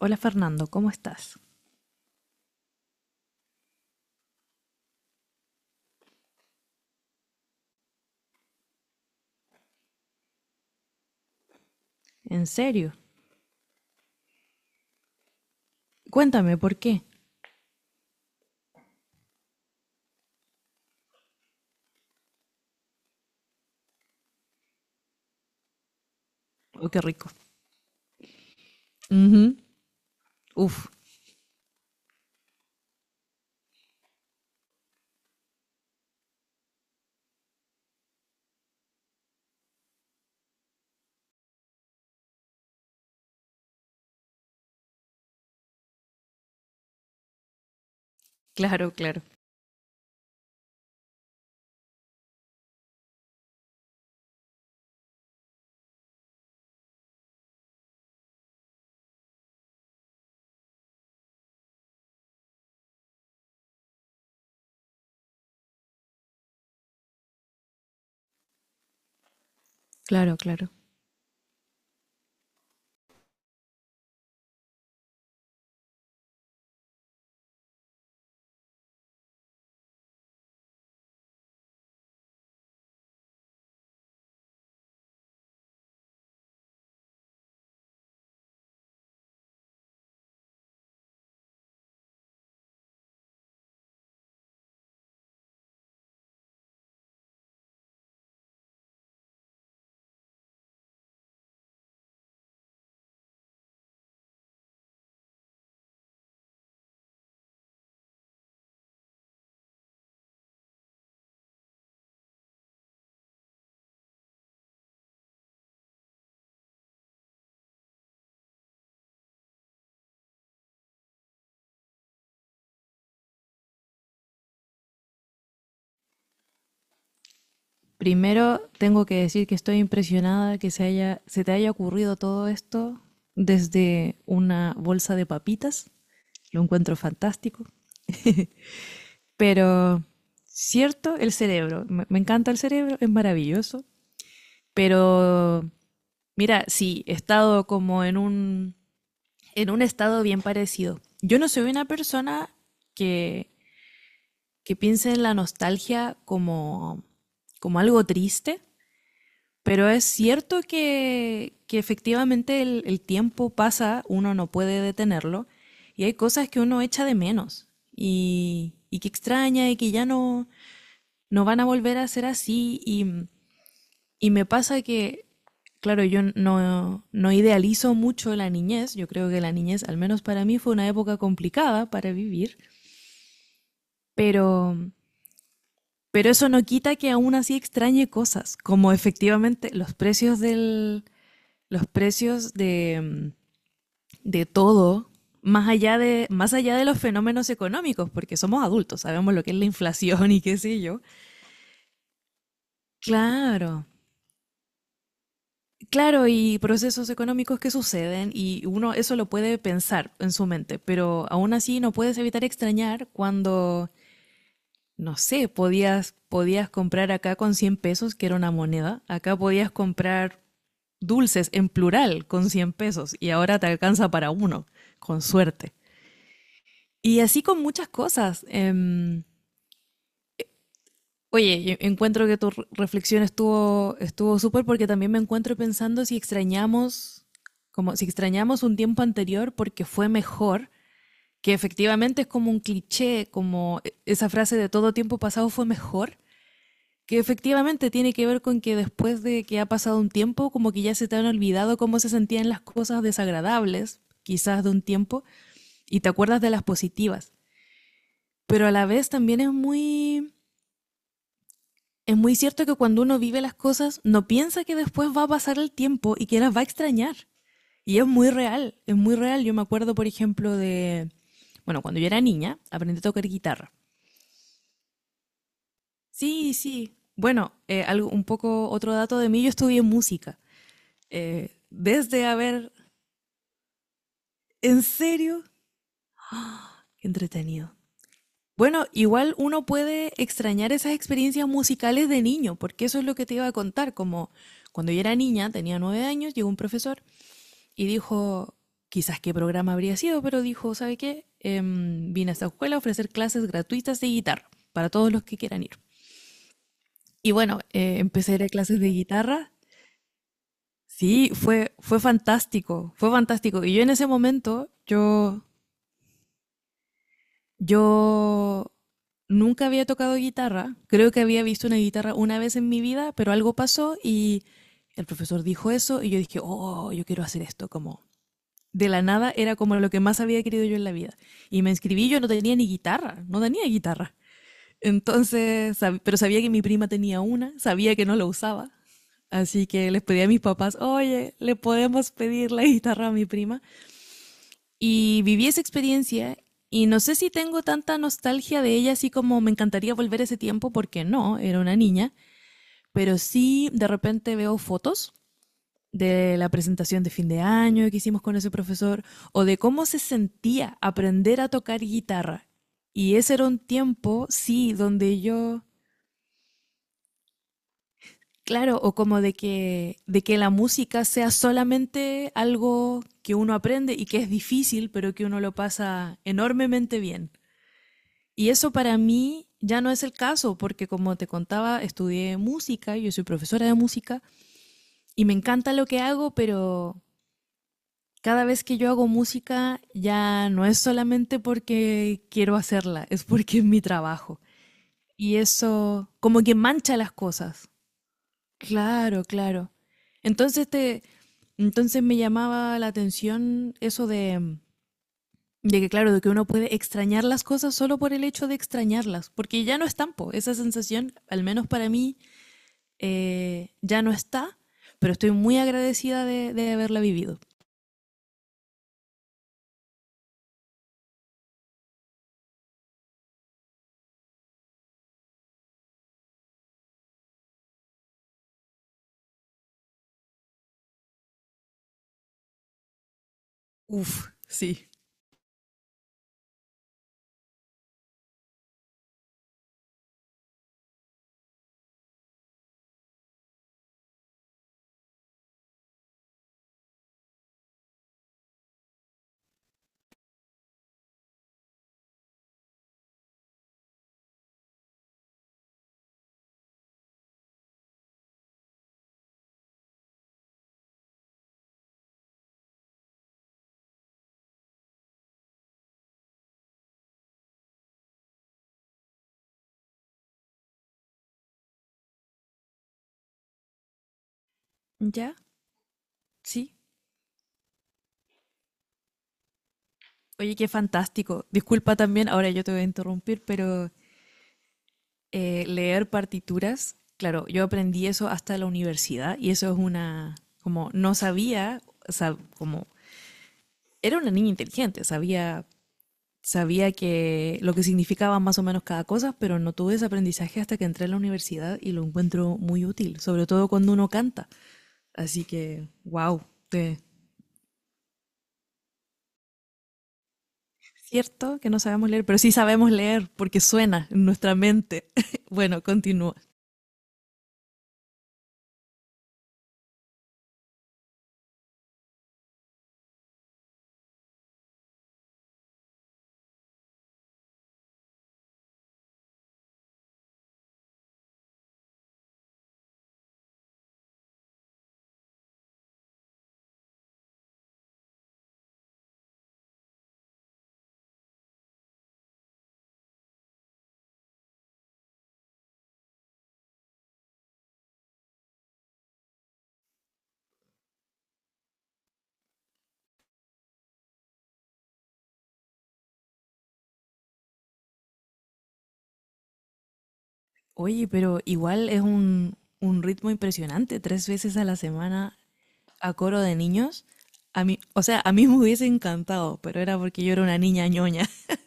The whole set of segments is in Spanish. Hola Fernando, ¿cómo estás? ¿En serio? Cuéntame, ¿por qué? Oh, qué rico. Ujú. Uf, claro, claro, claro, claro. Primero tengo que decir que estoy impresionada que se te haya ocurrido todo esto desde una bolsa de papitas. Lo encuentro fantástico. Pero, cierto, el cerebro. Me encanta el cerebro, es maravilloso. Pero, mira, sí, he estado como en un estado bien parecido. Yo no soy una persona que, que piense en la nostalgia como algo triste, pero es cierto que efectivamente el tiempo pasa, uno no puede detenerlo, y hay cosas que uno echa de menos y que extraña y que ya no van a volver a ser así. Y me pasa que claro, yo no idealizo mucho la niñez. Yo creo que la niñez, al menos para mí, fue una época complicada para vivir, pero, pero eso no quita que aún así extrañe cosas, como efectivamente los precios del, los precios de todo, más allá de los fenómenos económicos, porque somos adultos, sabemos lo que es la inflación y qué sé yo. Claro, claro, y procesos económicos que suceden y uno eso lo puede pensar en su mente, pero aún así no puedes evitar extrañar cuando, no sé, podías comprar acá con 100 pesos, que era una moneda. Acá podías comprar dulces en plural con 100 pesos y ahora te alcanza para uno, con suerte. Y así con muchas cosas. Oye, yo encuentro que tu reflexión estuvo súper, porque también me encuentro pensando si extrañamos un tiempo anterior porque fue mejor, que efectivamente es como un cliché, como esa frase de todo tiempo pasado fue mejor, que efectivamente tiene que ver con que después de que ha pasado un tiempo, como que ya se te han olvidado cómo se sentían las cosas desagradables, quizás de un tiempo, y te acuerdas de las positivas. Pero a la vez también es muy cierto que cuando uno vive las cosas, no piensa que después va a pasar el tiempo y que las va a extrañar. Y es muy real, es muy real. Yo me acuerdo, por ejemplo, bueno, cuando yo era niña, aprendí a tocar guitarra. Sí, sí. Bueno, algo, un poco otro dato de mí, yo estudié música. Eh, desde haber, ¿En serio? Qué entretenido. Bueno, igual uno puede extrañar esas experiencias musicales de niño, porque eso es lo que te iba a contar. Como cuando yo era niña, tenía 9 años, llegó un profesor y dijo, quizás qué programa habría sido, pero dijo, ¿sabe qué? Vine a esta escuela a ofrecer clases gratuitas de guitarra para todos los que quieran ir. Y bueno, empecé a ir a clases de guitarra. Sí, fue fantástico, fue fantástico. Y yo en ese momento, yo nunca había tocado guitarra. Creo que había visto una guitarra una vez en mi vida, pero algo pasó y el profesor dijo eso y yo dije, oh, yo quiero hacer esto, como de la nada era como lo que más había querido yo en la vida. Y me inscribí, yo no tenía ni guitarra, no tenía guitarra. Entonces, pero sabía que mi prima tenía una, sabía que no la usaba. Así que les pedí a mis papás, oye, le podemos pedir la guitarra a mi prima. Y viví esa experiencia y no sé si tengo tanta nostalgia de ella, así como me encantaría volver ese tiempo, porque no, era una niña, pero sí de repente veo fotos de la presentación de fin de año que hicimos con ese profesor, o de cómo se sentía aprender a tocar guitarra. Y ese era un tiempo, sí, donde yo, claro, o como de que la música sea solamente algo que uno aprende y que es difícil, pero que uno lo pasa enormemente bien. Y eso para mí ya no es el caso, porque como te contaba, estudié música, yo soy profesora de música y me encanta lo que hago, pero cada vez que yo hago música ya no es solamente porque quiero hacerla, es porque es mi trabajo. Y eso como que mancha las cosas. Claro, claro. Entonces te, entonces me llamaba la atención eso de que claro, de que uno puede extrañar las cosas solo por el hecho de extrañarlas, porque ya no están, po. Esa sensación, al menos para mí, ya no está, pero estoy muy agradecida de haberla vivido. Uf, sí. ¿Ya? Sí. Oye, qué fantástico. Disculpa también, ahora yo te voy a interrumpir, pero leer partituras, claro, yo aprendí eso hasta la universidad y eso es una, como no sabía, o sea, como era una niña inteligente, sabía que lo que significaba más o menos cada cosa, pero no tuve ese aprendizaje hasta que entré a la universidad y lo encuentro muy útil, sobre todo cuando uno canta. Así que, wow, te, cierto que no sabemos leer, pero sí sabemos leer porque suena en nuestra mente. Bueno, continúa. Oye, pero igual es un ritmo impresionante, 3 veces a la semana a coro de niños. A mí, o sea, a mí me hubiese encantado, pero era porque yo era una niña ñoña.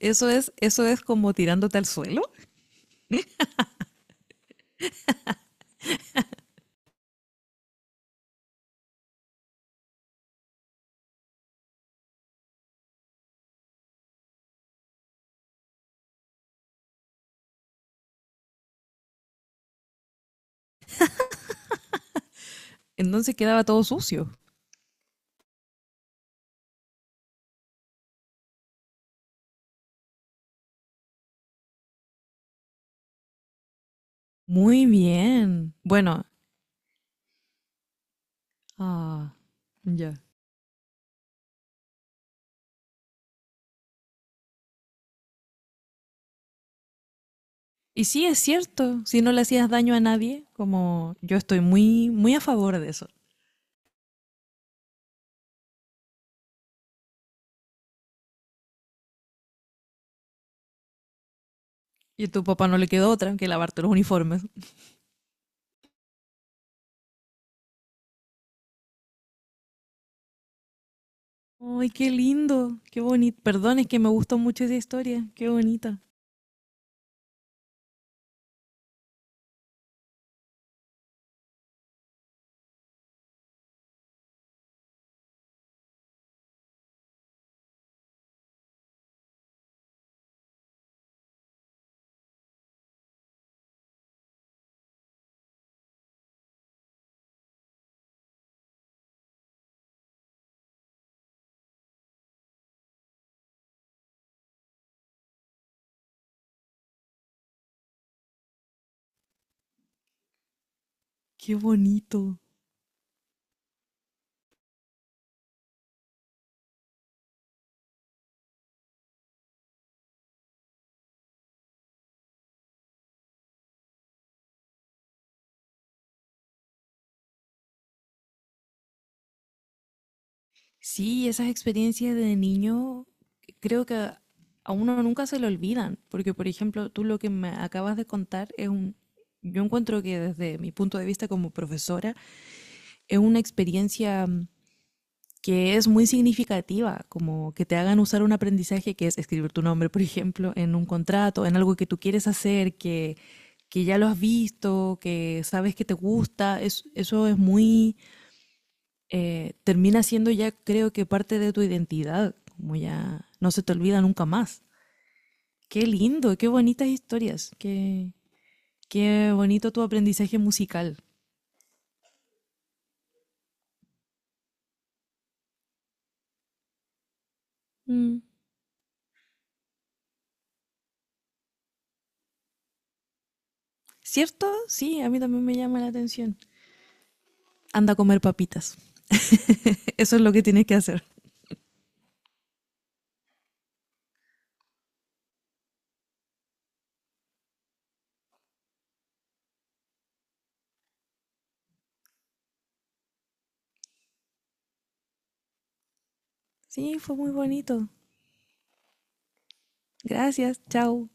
Eso es como tirándote al suelo. Entonces quedaba todo sucio. Muy bien. Bueno, ah, ya. Y sí, es cierto, si no le hacías daño a nadie, como yo estoy muy, muy a favor de eso. Y a tu papá no le quedó otra que lavarte los uniformes. Ay, qué lindo, qué bonito. Perdón, es que me gustó mucho esa historia. Qué bonita, qué bonito. Sí, esas experiencias de niño creo que a uno nunca se le olvidan, porque por ejemplo, tú lo que me acabas de contar es un, yo encuentro que desde mi punto de vista como profesora es una experiencia que es muy significativa, como que te hagan usar un aprendizaje que es escribir tu nombre, por ejemplo, en un contrato, en algo que tú quieres hacer, que ya lo has visto, que sabes que te gusta, es, eso es muy, termina siendo ya creo que parte de tu identidad, como ya no se te olvida nunca más. Qué lindo, qué bonitas historias, qué, qué bonito tu aprendizaje musical. Mm. ¿Cierto? Sí, a mí también me llama la atención. Anda a comer papitas. Eso es lo que tienes que hacer. Sí, fue muy bonito. Gracias, chao.